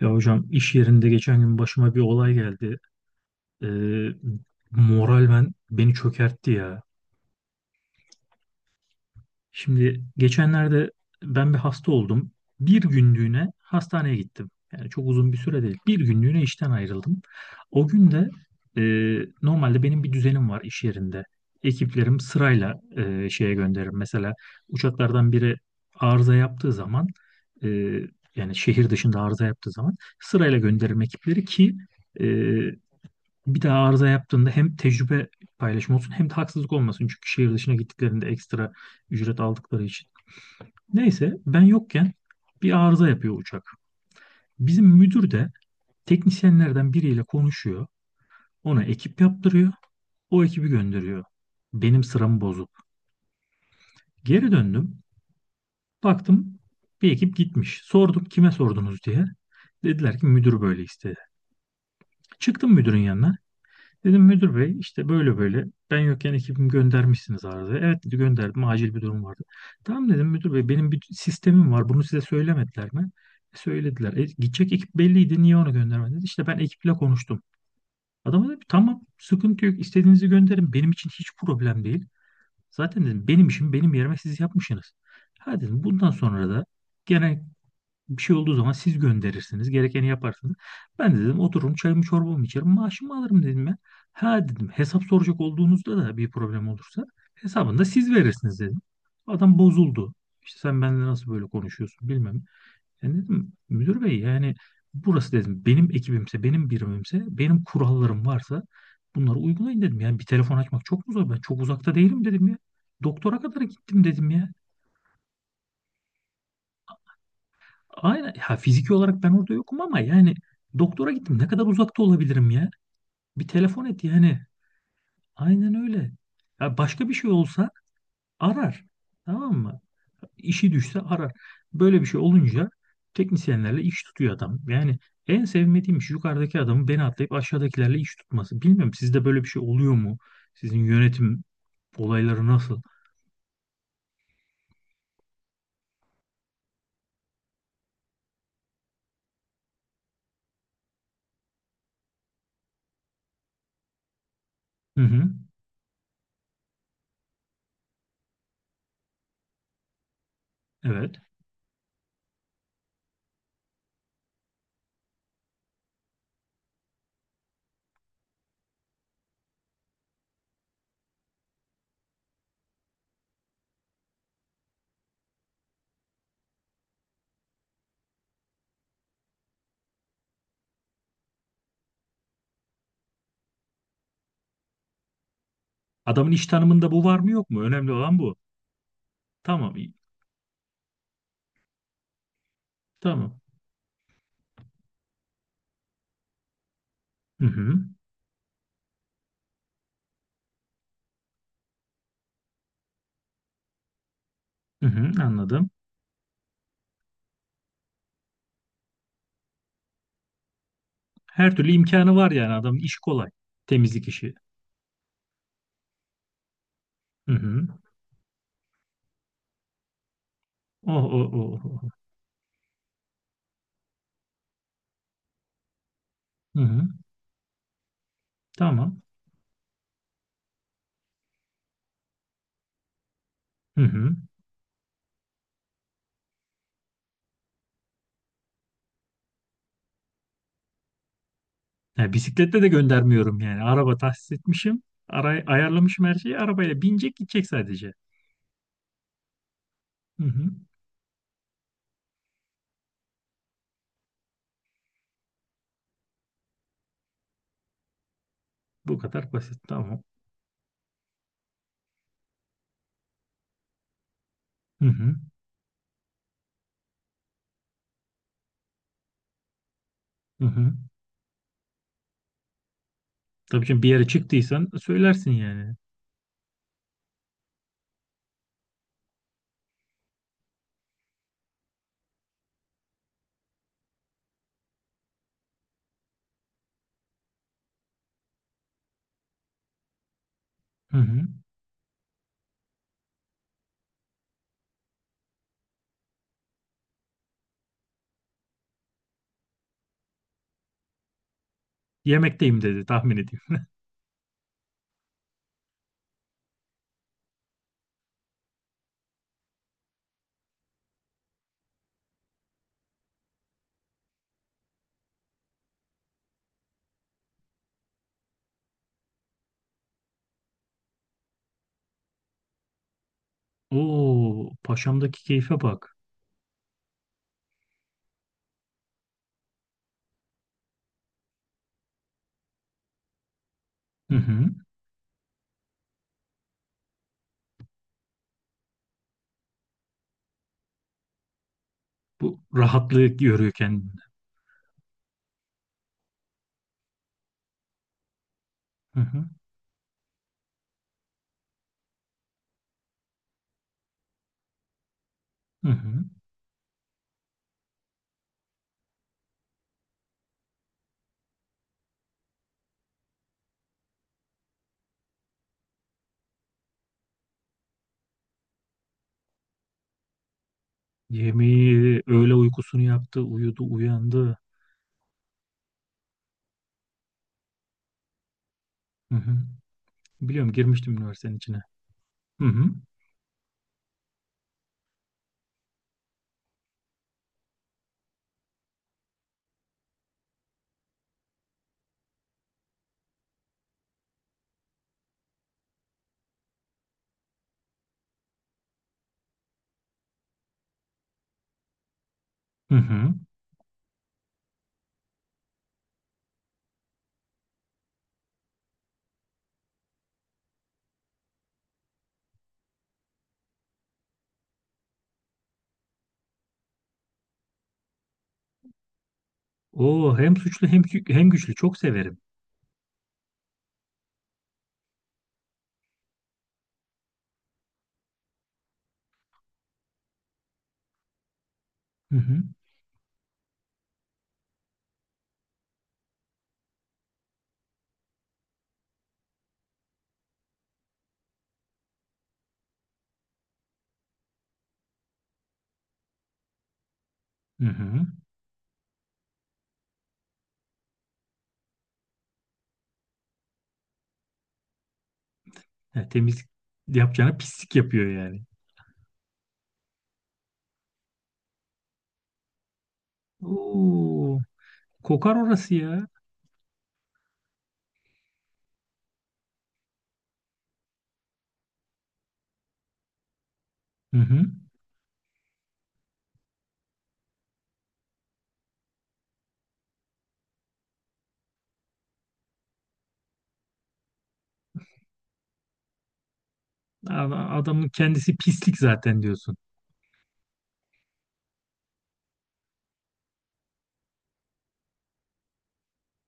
Ya hocam iş yerinde geçen gün başıma bir olay geldi. Ee, Moral beni çökertti ya. Şimdi geçenlerde ben bir hasta oldum. Bir günlüğüne hastaneye gittim. Yani çok uzun bir süre değil. Bir günlüğüne işten ayrıldım. O gün de e, normalde benim bir düzenim var iş yerinde. Ekiplerim sırayla şeye gönderir. Mesela uçaklardan biri arıza yaptığı zaman, e, yani şehir dışında arıza yaptığı zaman sırayla gönderirim ekipleri ki e, bir daha arıza yaptığında hem tecrübe paylaşımı olsun hem de haksızlık olmasın. Çünkü şehir dışına gittiklerinde ekstra ücret aldıkları için. Neyse ben yokken bir arıza yapıyor uçak. Bizim müdür de teknisyenlerden biriyle konuşuyor. Ona ekip yaptırıyor. O ekibi gönderiyor. Benim sıramı bozup. Geri döndüm. Baktım bir ekip gitmiş. Sordum kime sordunuz diye. Dediler ki müdür böyle istedi. Çıktım müdürün yanına. Dedim müdür bey işte böyle böyle ben yokken ekibimi göndermişsiniz arada. Evet dedi gönderdim acil bir durum vardı. Tamam dedim müdür bey benim bir sistemim var, bunu size söylemediler mi? E, söylediler. E, gidecek ekip belliydi, niye onu göndermediniz? İşte ben ekiple konuştum. Adam dedi tamam sıkıntı yok, istediğinizi gönderin, benim için hiç problem değil. Zaten dedim benim işim benim yerime siz yapmışsınız. Ha dedim bundan sonra da genel bir şey olduğu zaman siz gönderirsiniz. Gerekeni yaparsınız. Ben de dedim otururum çayımı çorbamı içerim. Maaşımı alırım dedim ben. Ha dedim hesap soracak olduğunuzda da bir problem olursa hesabını da siz verirsiniz dedim. Adam bozuldu. İşte sen benimle nasıl böyle konuşuyorsun bilmem. Yani dedim müdür bey yani burası dedim benim ekibimse benim birimimse benim kurallarım varsa bunları uygulayın dedim. Yani bir telefon açmak çok mu zor? Ben çok uzakta değilim dedim ya. Doktora kadar gittim dedim ya. Aynen. Ya fiziki olarak ben orada yokum ama yani doktora gittim. Ne kadar uzakta olabilirim ya? Bir telefon et yani. Aynen öyle. Ya başka bir şey olsa arar. Tamam mı? İşi düşse arar. Böyle bir şey olunca teknisyenlerle iş tutuyor adam. Yani en sevmediğim iş yukarıdaki adamın beni atlayıp aşağıdakilerle iş tutması. Bilmiyorum sizde böyle bir şey oluyor mu? Sizin yönetim olayları nasıl? Hı hı. Evet. Adamın iş tanımında bu var mı yok mu? Önemli olan bu. Tamam. iyi. Tamam. Hı hı. Hı hı, anladım. Her türlü imkanı var, yani adamın işi kolay. Temizlik işi. Hı hı. Oh, oh, oh, oh, oh. Hı hı. Tamam. Hı hı. Ya bisikletle de göndermiyorum yani. Araba tahsis etmişim. Aray ayarlamışım her şeyi. Arabaya binecek gidecek sadece. Hı hı. Bu kadar basit. Tamam. Hı hı. Hı hı. Tabii ki bir yere çıktıysan söylersin yani. Hı hı. Yemekteyim dedi tahmin edeyim. Oo, paşamdaki keyfe bak. Hı hı. Bu rahatlığı görüyor kendinde. Hı hı. Hı hı. Yemeği, öğle uykusunu yaptı, uyudu, uyandı. Hı hı. Biliyorum girmiştim üniversitenin içine. Hı hı. Hı hı. Oo, hem suçlu hem hem güçlü çok severim. Hı hı. Hı hı. Ya, temizlik yapacağına pislik yapıyor yani. Oo, kokar orası ya. Hı hı. Adamın kendisi pislik zaten diyorsun.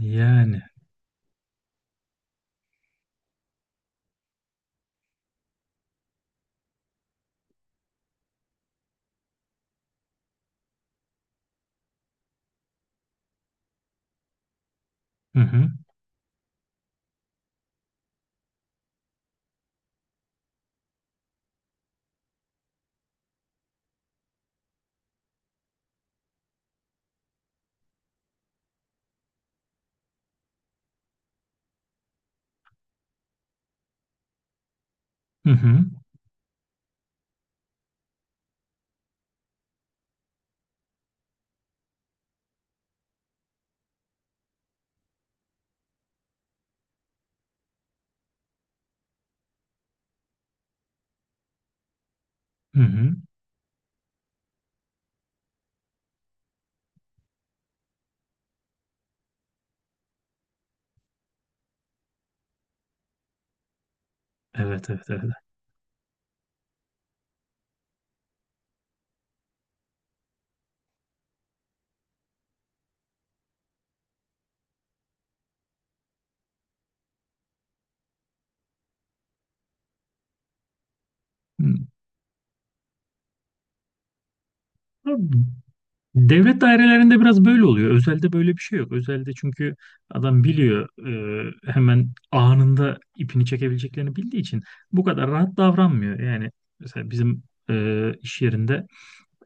Yani. Hı hı. Hı hı. Hı hı. Evet evet evet. Hı. Devlet dairelerinde biraz böyle oluyor. Özelde böyle bir şey yok. Özelde çünkü adam biliyor hemen anında ipini çekebileceklerini bildiği için bu kadar rahat davranmıyor. Yani mesela bizim iş yerinde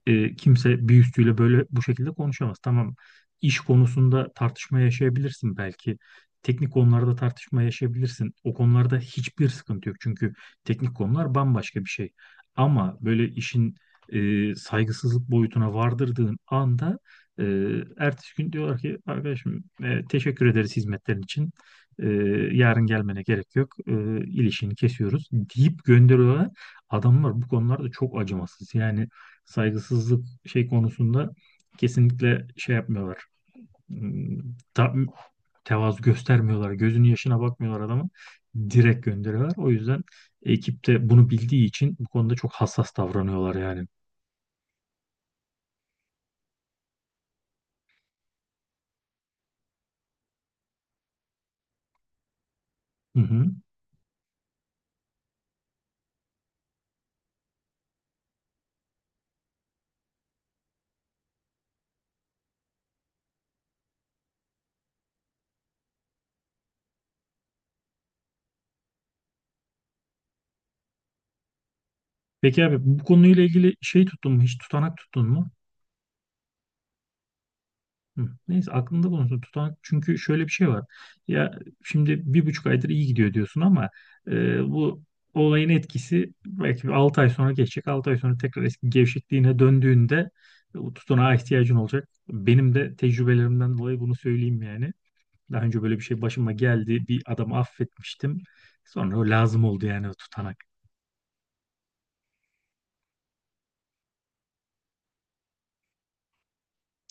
kimse bir üstüyle böyle bu şekilde konuşamaz. Tamam, iş konusunda tartışma yaşayabilirsin belki. Teknik konularda tartışma yaşayabilirsin. O konularda hiçbir sıkıntı yok. Çünkü teknik konular bambaşka bir şey. Ama böyle işin saygısızlık boyutuna vardırdığın anda e, ertesi gün diyorlar ki arkadaşım teşekkür ederiz hizmetlerin için. E, Yarın gelmene gerek yok. İlişini kesiyoruz deyip gönderiyorlar. Adamlar bu konularda çok acımasız. Yani saygısızlık şey konusunda kesinlikle şey yapmıyorlar. Hmm, Ta, tevazu göstermiyorlar. Gözünün yaşına bakmıyorlar adamın. Direkt gönderiyorlar. O yüzden ekipte bunu bildiği için bu konuda çok hassas davranıyorlar yani. Hı hı. Peki abi bu konuyla ilgili şey tuttun mu? Hiç tutanak tuttun mu? Hı. Neyse aklında bulunsun tutan, çünkü şöyle bir şey var ya, şimdi bir buçuk aydır iyi gidiyor diyorsun ama e, bu olayın etkisi belki 6 ay sonra geçecek, 6 ay sonra tekrar eski gevşekliğine döndüğünde o tutanağa ihtiyacın olacak. Benim de tecrübelerimden dolayı bunu söyleyeyim yani, daha önce böyle bir şey başıma geldi, bir adamı affetmiştim, sonra o lazım oldu yani o tutanak.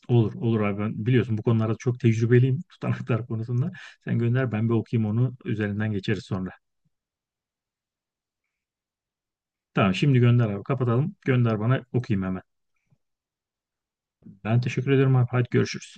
Olur olur abi, ben biliyorsun bu konularda çok tecrübeliyim tutanaklar konusunda. Sen gönder, ben bir okuyayım onu, üzerinden geçeriz sonra. Tamam şimdi gönder abi, kapatalım. Gönder bana okuyayım hemen. Ben teşekkür ederim abi. Hadi görüşürüz.